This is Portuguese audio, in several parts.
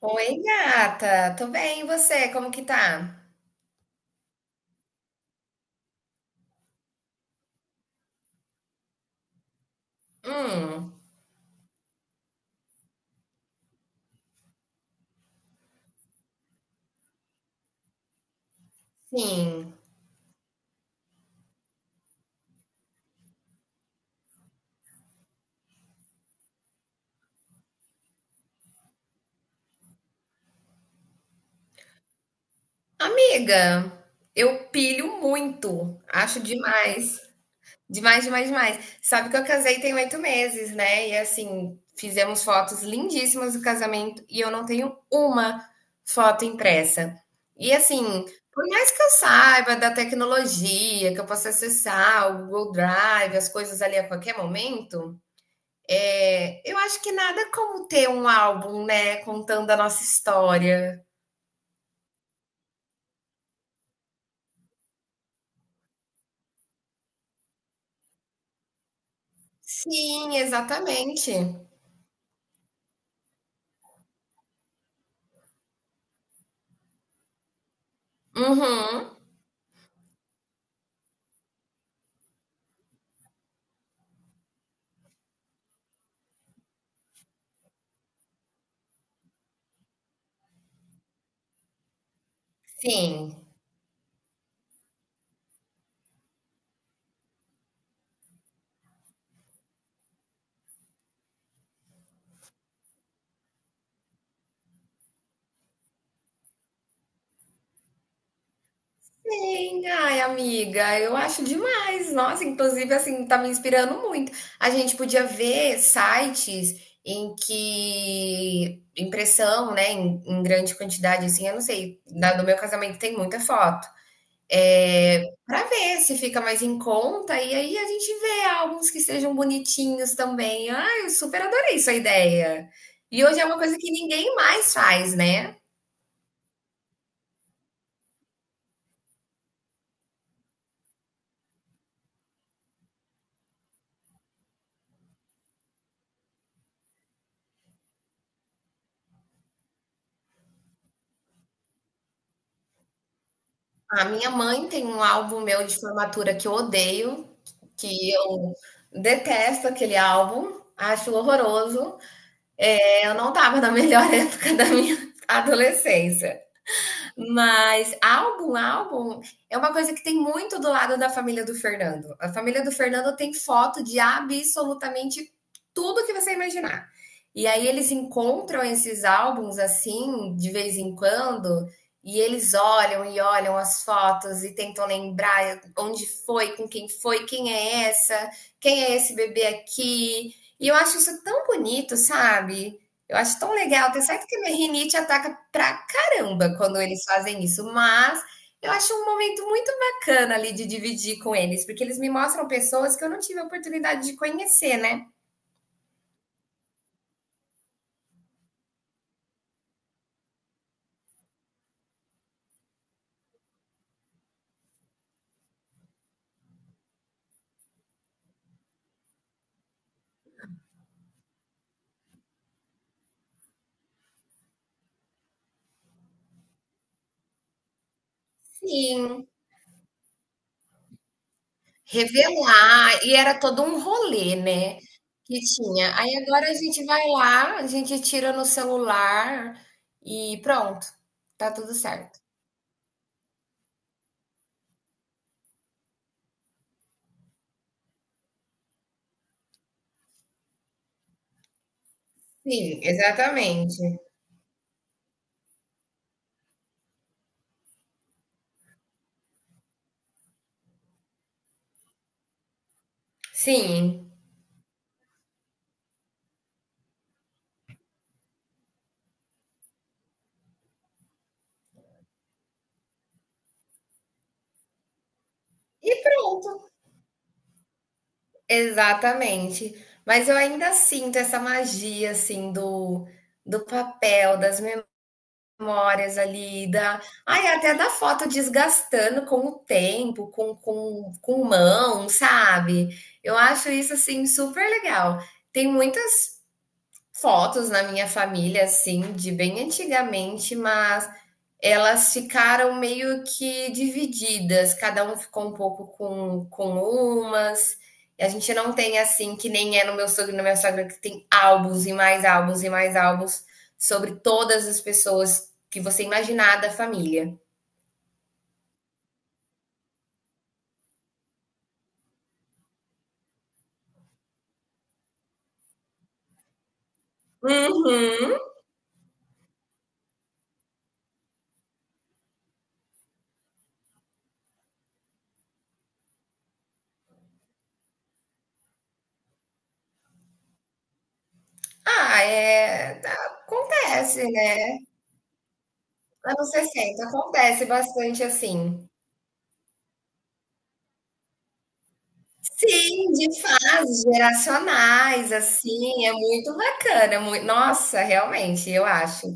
Oi, gata. Tô bem, e você? Como que tá? Hum, sim. Amiga, eu pilho muito. Acho demais. Demais, demais, demais. Sabe que eu casei tem 8 meses, né? E assim, fizemos fotos lindíssimas do casamento e eu não tenho uma foto impressa. E assim, por mais que eu saiba da tecnologia, que eu possa acessar o Google Drive, as coisas ali a qualquer momento. É, eu acho que nada como ter um álbum, né, contando a nossa história. Sim, exatamente. Uhum. Sim. Sim, ai, amiga, eu acho demais. Nossa, inclusive, assim, tá me inspirando muito. A gente podia ver sites em que impressão, né, em grande quantidade, assim, eu não sei, no meu casamento tem muita foto. É, para ver se fica mais em conta, e aí a gente vê álbuns que sejam bonitinhos também. Ah, eu super adorei sua ideia. E hoje é uma coisa que ninguém mais faz, né? A minha mãe tem um álbum meu de formatura que eu odeio, que eu detesto aquele álbum, acho horroroso. É, eu não estava na melhor época da minha adolescência. Mas álbum, álbum é uma coisa que tem muito do lado da família do Fernando. A família do Fernando tem foto de absolutamente tudo que você imaginar. E aí eles encontram esses álbuns assim, de vez em quando, e eles olham e olham as fotos e tentam lembrar onde foi, com quem foi, quem é essa, quem é esse bebê aqui. E eu acho isso tão bonito, sabe? Eu acho tão legal, tenho certeza que a minha rinite ataca pra caramba quando eles fazem isso, mas eu acho um momento muito bacana ali de dividir com eles, porque eles me mostram pessoas que eu não tive a oportunidade de conhecer, né. Sim, revelar, e era todo um rolê, né, que tinha. Aí agora a gente vai lá, a gente tira no celular e pronto, tá tudo certo. Sim, exatamente. Sim, e pronto. Exatamente. Mas eu ainda sinto essa magia, assim, do papel, das memórias ali, da ai, até da foto desgastando com o tempo, com com mão, sabe. Eu acho isso, assim, super legal. Tem muitas fotos na minha família, assim, de bem antigamente, mas elas ficaram meio que divididas, cada um ficou um pouco com umas. E a gente não tem assim, que nem é no meu sogro e na minha sogra, que tem álbuns e mais álbuns e mais álbuns sobre todas as pessoas que você imaginar da família. Uhum. Ah, é. Acontece, né? Anos 60, acontece bastante assim. Sim, de fases geracionais, assim, é muito bacana, mui nossa, realmente, eu acho.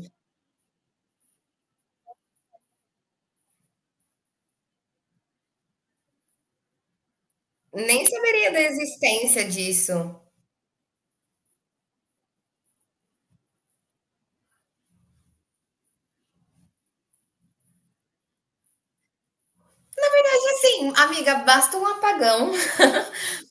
Nem saberia da existência disso. E assim, amiga, basta um apagão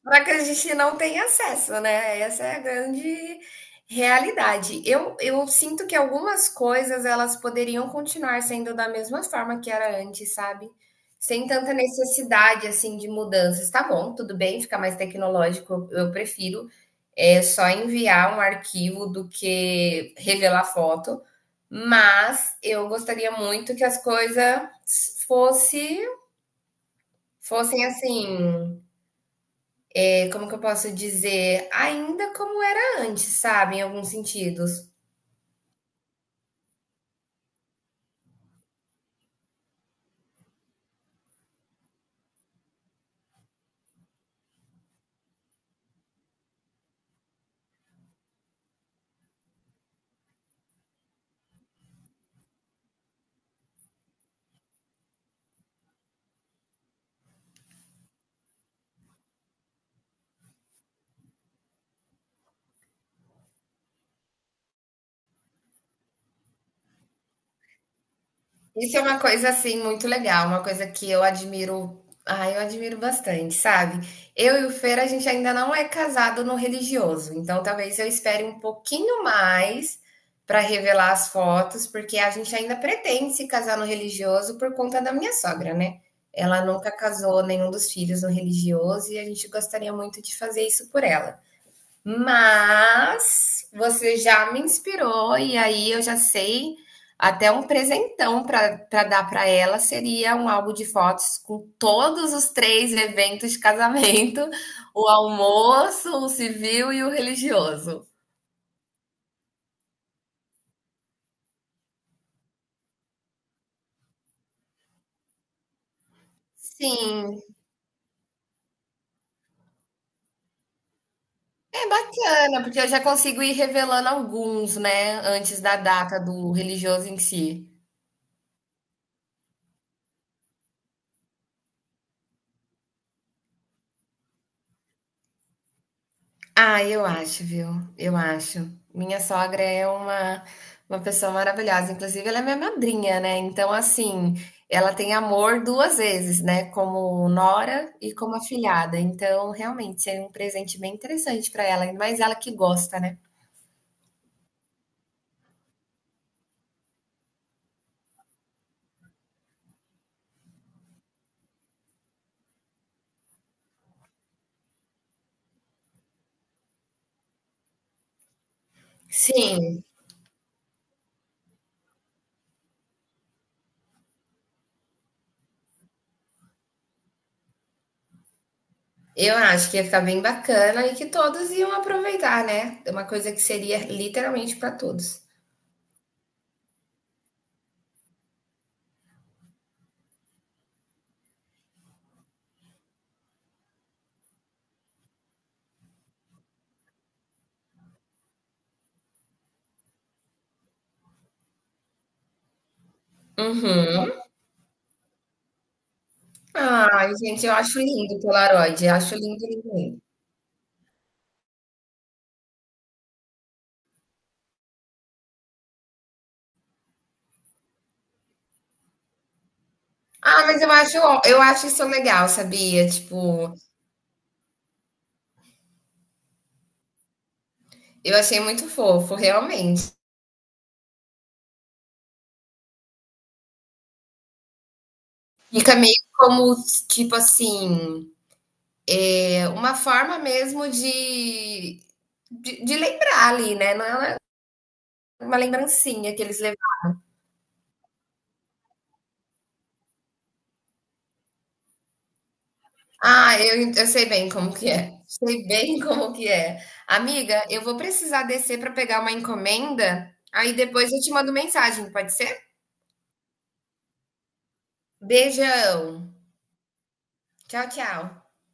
para que a gente não tenha acesso, né? Essa é a grande realidade. Eu sinto que algumas coisas elas poderiam continuar sendo da mesma forma que era antes, sabe? Sem tanta necessidade assim de mudanças. Tá bom, tudo bem, fica mais tecnológico. Eu prefiro é só enviar um arquivo do que revelar foto, mas eu gostaria muito que as coisas fosse fossem assim é, como que eu posso dizer, ainda como era antes, sabe? Em alguns sentidos. Isso é uma coisa assim muito legal, uma coisa que eu admiro, ah, eu admiro bastante, sabe? Eu e o Fer, a gente ainda não é casado no religioso, então talvez eu espere um pouquinho mais para revelar as fotos, porque a gente ainda pretende se casar no religioso por conta da minha sogra, né? Ela nunca casou nenhum dos filhos no religioso e a gente gostaria muito de fazer isso por ela. Mas você já me inspirou e aí eu já sei até um presentão para dar para ela seria um álbum de fotos com todos os três eventos de casamento, o almoço, o civil e o religioso. Sim, é bacana, porque eu já consigo ir revelando alguns, né, antes da data do religioso em si. Ah, eu acho, viu? Eu acho. Minha sogra é uma pessoa maravilhosa. Inclusive, ela é minha madrinha, né? Então, assim, ela tem amor 2 vezes, né? Como nora e como afilhada. Então, realmente, seria um presente bem interessante para ela, ainda mais ela que gosta, né? Sim, eu acho que ia ficar bem bacana e que todos iam aproveitar, né? Uma coisa que seria literalmente para todos. Uhum. Ai, gente, eu acho lindo o Polaroid. Eu acho lindo, lindo, lindo. Ah, mas eu acho isso legal, sabia? Tipo, eu achei muito fofo, realmente. Fica meio como, tipo assim, é uma forma mesmo de, de lembrar ali, né? Não é uma lembrancinha que eles levaram. Ah, eu sei bem como que é. Sei bem como que é. Amiga, eu vou precisar descer para pegar uma encomenda, aí depois eu te mando mensagem, pode ser? Beijão. Tchau, tchau.